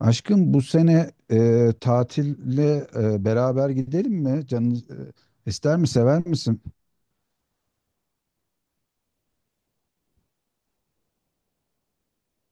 Aşkım bu sene tatille beraber gidelim mi? Canın ister mi, sever misin?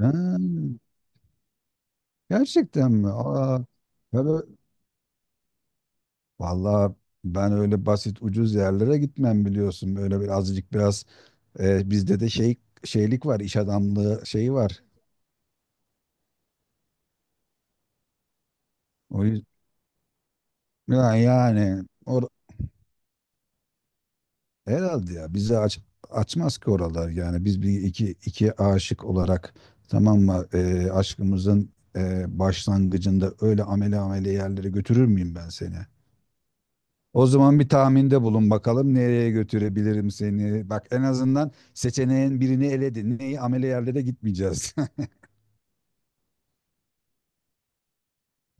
Ha, gerçekten mi? Aa, ya vallahi ben öyle basit ucuz yerlere gitmem biliyorsun. Böyle bir azıcık biraz bizde de şey şeylik var, iş adamlığı şeyi var. O yüzden yani, yani herhalde ya bizi açmaz ki oralar yani biz bir iki aşık olarak tamam mı? Aşkımızın başlangıcında öyle amele amele yerlere götürür müyüm ben seni? O zaman bir tahminde bulun bakalım nereye götürebilirim seni. Bak en azından seçeneğin birini eledin. Neyi amele yerlere gitmeyeceğiz.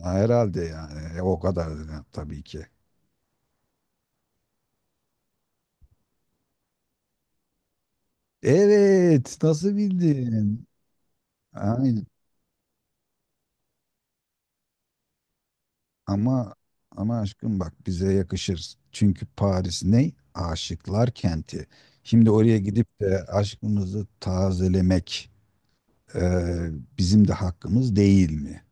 Ha, herhalde yani. O kadar da tabii ki. Evet, nasıl bildin? Ama ama aşkım bak bize yakışır. Çünkü Paris ne? Aşıklar kenti. Şimdi oraya gidip de aşkımızı tazelemek e, bizim de hakkımız değil mi?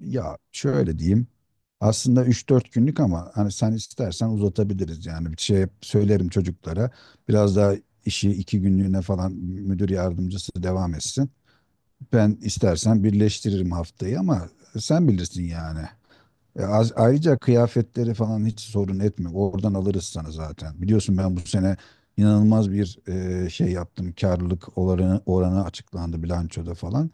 Ya şöyle diyeyim. Aslında üç dört günlük ama hani sen istersen uzatabiliriz, yani bir şey söylerim çocuklara. Biraz daha işi iki günlüğüne falan müdür yardımcısı devam etsin. Ben istersen birleştiririm haftayı ama sen bilirsin yani. Ayrıca kıyafetleri falan hiç sorun etme. Oradan alırız sana zaten. Biliyorsun ben bu sene inanılmaz bir şey yaptım. Karlılık oranı açıklandı bilançoda falan.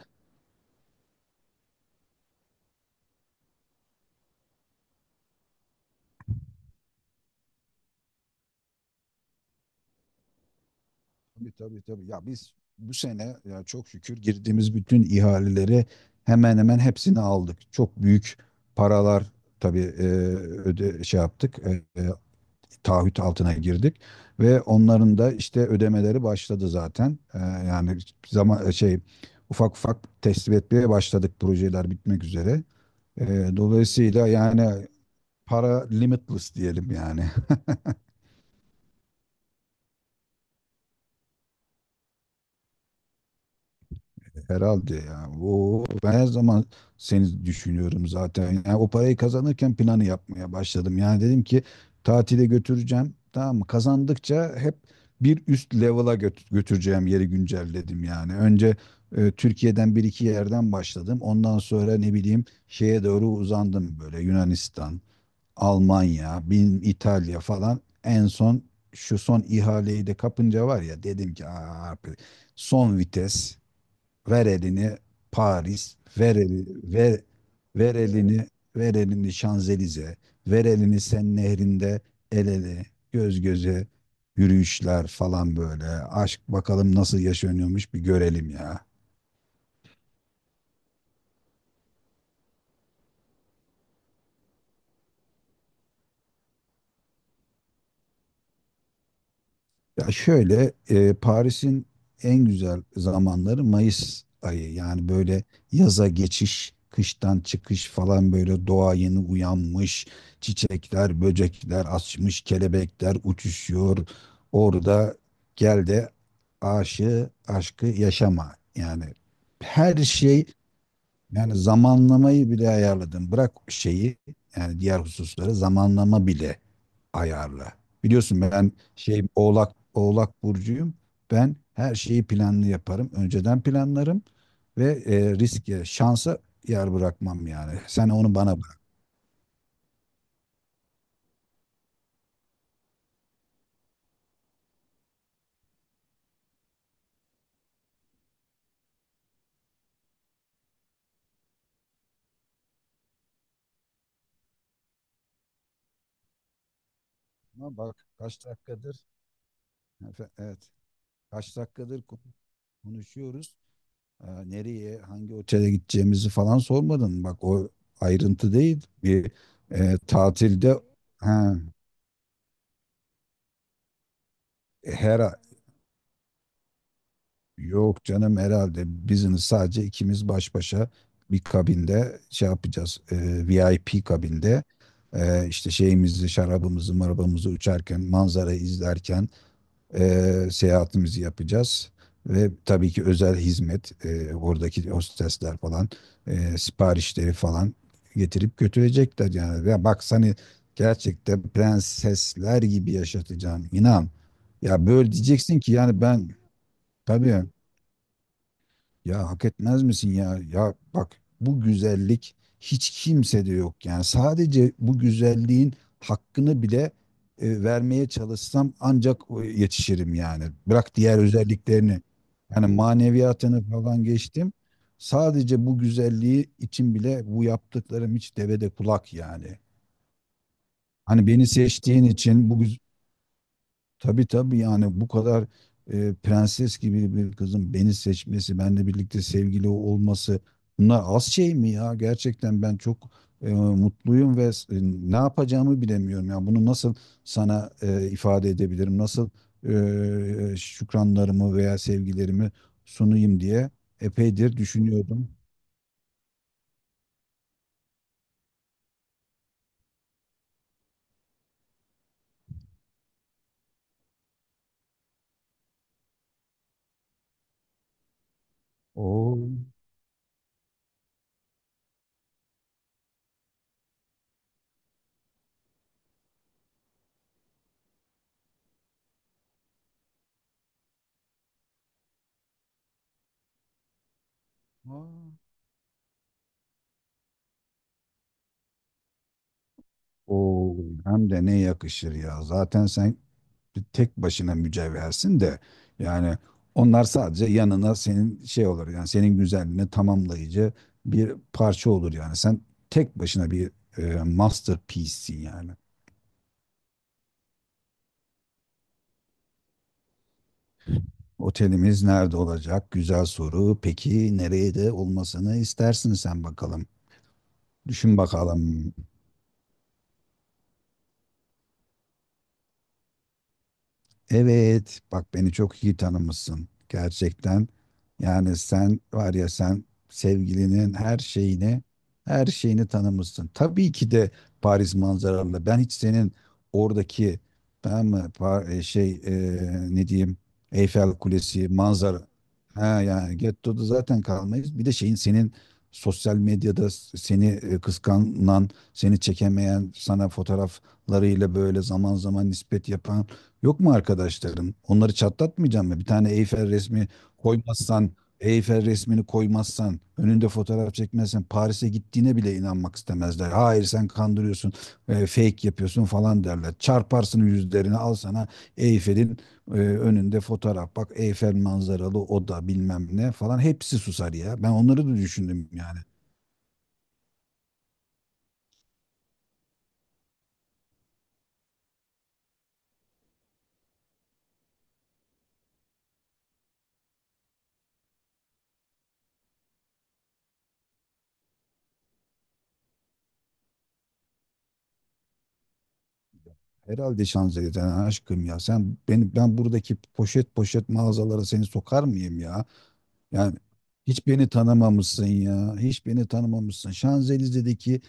Tabii tabii tabii. Ya biz bu sene ya çok şükür girdiğimiz bütün ihaleleri hemen hemen hepsini aldık. Çok büyük paralar tabii öde şey yaptık, taahhüt altına girdik ve onların da işte ödemeleri başladı zaten. Yani zaman şey ufak ufak teslim etmeye başladık, projeler bitmek üzere. Dolayısıyla yani para limitless diyelim yani. Herhalde ya. Oo, ben her zaman seni düşünüyorum zaten. Yani o parayı kazanırken planı yapmaya başladım. Yani dedim ki tatile götüreceğim. Tamam mı? Kazandıkça hep bir üst level'a götüreceğim yeri güncelledim yani. Önce Türkiye'den bir iki yerden başladım. Ondan sonra ne bileyim şeye doğru uzandım böyle Yunanistan, Almanya, bin İtalya falan. En son şu son ihaleyi de kapınca var ya dedim ki aa, son vites. Ver elini Paris, ver eli, ver, ver elini, ver elini Şanzelize, ver elini Sen nehrinde el ele, göz göze yürüyüşler falan böyle. Aşk bakalım nasıl yaşanıyormuş bir görelim ya. Ya şöyle, Paris'in en güzel zamanları Mayıs ayı. Yani böyle yaza geçiş, kıştan çıkış falan, böyle doğa yeni uyanmış. Çiçekler, böcekler açmış, kelebekler uçuşuyor. Orada gel de aşığı, aşkı yaşama. Yani her şey, yani zamanlamayı bile ayarladım. Bırak şeyi, yani diğer hususları, zamanlama bile ayarla. Biliyorsun ben şey, Oğlak burcuyum. Ben her şeyi planlı yaparım. Önceden planlarım ve riske, şansa yer bırakmam yani. Sen onu bana bırakma. Bak kaç dakikadır evet, kaç dakikadır konuşuyoruz. Nereye, hangi otele gideceğimizi falan sormadın. Bak o ayrıntı değil. Bir tatilde ha, her yok canım, herhalde bizini sadece ikimiz baş başa bir kabinde şey yapacağız. VIP kabinde işte şeyimizi, şarabımızı, marabamızı uçarken, manzarayı izlerken seyahatimizi yapacağız. Ve tabii ki özel hizmet, oradaki hostesler falan, siparişleri falan getirip götürecekler yani. Ya bak seni gerçekten prensesler gibi yaşatacağım, inan. Ya böyle diyeceksin ki yani ben tabii, ya hak etmez misin ya? Ya bak bu güzellik hiç kimsede yok. Yani sadece bu güzelliğin hakkını bile vermeye çalışsam ancak yetişirim yani. Bırak diğer özelliklerini. Yani maneviyatını falan geçtim. Sadece bu güzelliği için bile bu yaptıklarım hiç devede kulak yani. Hani beni seçtiğin için bu güz- Tabii tabii, yani bu kadar prenses gibi bir kızın beni seçmesi, benimle birlikte sevgili olması, bunlar az şey mi ya? Gerçekten ben çok mutluyum ve ne yapacağımı bilemiyorum. Yani bunu nasıl sana ifade edebilirim? Nasıl şükranlarımı veya sevgilerimi sunayım diye epeydir düşünüyordum. Oo. Aa. Oo, hem de ne yakışır ya. Zaten sen bir tek başına mücevhersin de, yani onlar sadece yanına, senin şey olur yani, senin güzelliğini tamamlayıcı bir parça olur yani. Sen tek başına bir masterpiece'sin yani. Otelimiz nerede olacak? Güzel soru. Peki nereye de olmasını istersin sen bakalım. Düşün bakalım. Evet, bak beni çok iyi tanımışsın gerçekten. Yani sen var ya, sen sevgilinin her şeyini, her şeyini tanımışsın. Tabii ki de Paris manzaralı. Ben hiç senin oradaki, tamam mı, şey, ne diyeyim, Eyfel Kulesi manzara. Ha yani gettoda zaten kalmayız. Bir de şeyin, senin sosyal medyada seni kıskanan, seni çekemeyen, sana fotoğraflarıyla böyle zaman zaman nispet yapan yok mu arkadaşlarım? Onları çatlatmayacağım mı? Bir tane Eyfel resmi koymazsan, Eyfel resmini koymazsan, önünde fotoğraf çekmezsen Paris'e gittiğine bile inanmak istemezler. Hayır, sen kandırıyorsun, fake yapıyorsun falan derler. Çarparsın yüzlerini al sana Eyfel'in önünde fotoğraf. Bak Eyfel manzaralı oda, bilmem ne falan, hepsi susar ya. Ben onları da düşündüm yani. Herhalde Şanzelize'den aşkım, ya sen beni, ben buradaki poşet poşet mağazalara seni sokar mıyım ya? Yani hiç beni tanımamışsın ya. Hiç beni tanımamışsın. Şanzelize'deki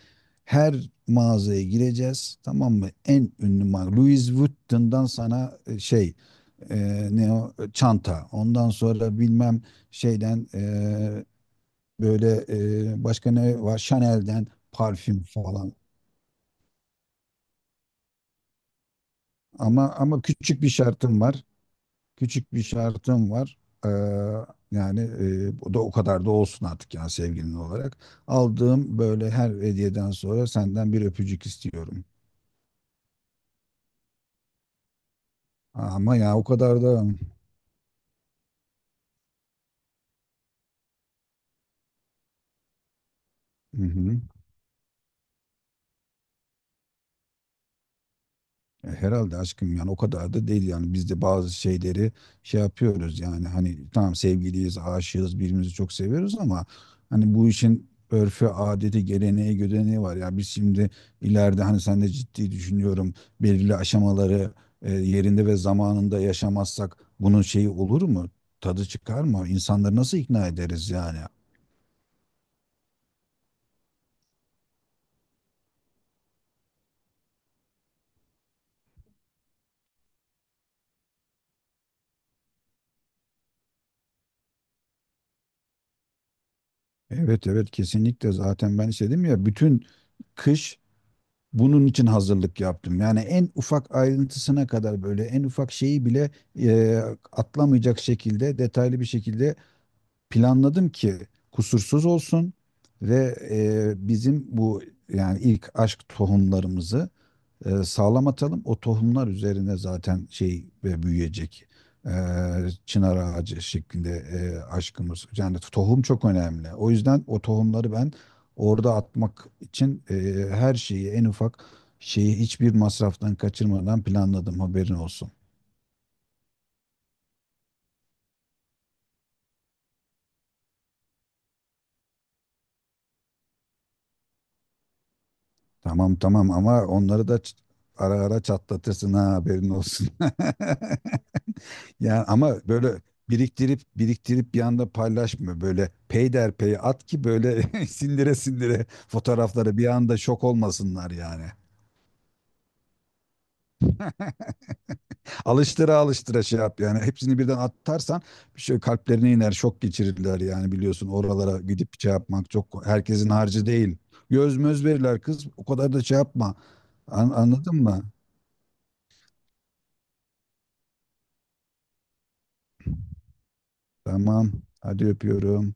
her mağazaya gireceğiz. Tamam mı? En ünlü marka. Louis Vuitton'dan sana şey, ne o, e, çanta. Ondan sonra bilmem şeyden, böyle, başka ne var? Chanel'den parfüm falan. Ama ama küçük bir şartım var. Küçük bir şartım var. Ee, yani bu da o kadar da olsun artık yani, sevgilin olarak. Aldığım böyle her hediyeden sonra senden bir öpücük istiyorum. Ama ya o kadar da... Hı hı. Herhalde aşkım, yani o kadar da değil, yani biz de bazı şeyleri şey yapıyoruz yani, hani tamam sevgiliyiz, aşığız, birbirimizi çok seviyoruz ama hani bu işin örfü, adeti, geleneği, gödeneği var. Ya biz şimdi ileride, hani sen de, ciddi düşünüyorum, belirli aşamaları yerinde ve zamanında yaşamazsak bunun şeyi olur mu? Tadı çıkar mı? İnsanları nasıl ikna ederiz yani? Evet evet, kesinlikle, zaten ben istedim ya. Bütün kış bunun için hazırlık yaptım. Yani en ufak ayrıntısına kadar, böyle en ufak şeyi bile e, atlamayacak şekilde detaylı bir şekilde planladım ki kusursuz olsun ve bizim bu, yani ilk aşk tohumlarımızı sağlam atalım. O tohumlar üzerine zaten şey ve büyüyecek. E, çınar ağacı şeklinde aşkımız. Yani tohum çok önemli. O yüzden o tohumları ben orada atmak için her şeyi, en ufak şeyi, hiçbir masraftan kaçırmadan planladım. Haberin olsun. Tamam tamam, ama onları da ara ara çatlatırsın ha, haberin olsun. Yani ama böyle biriktirip biriktirip bir anda paylaşma, böyle peyderpey at ki böyle sindire sindire fotoğrafları, bir anda şok olmasınlar yani. Alıştıra alıştıra şey yap, yani hepsini birden atarsan bir şey kalplerine iner, şok geçirirler yani. Biliyorsun oralara gidip şey yapmak çok herkesin harcı değil. Göz möz verirler kız, o kadar da şey yapma. Anladın mı? Tamam. Hadi öpüyorum.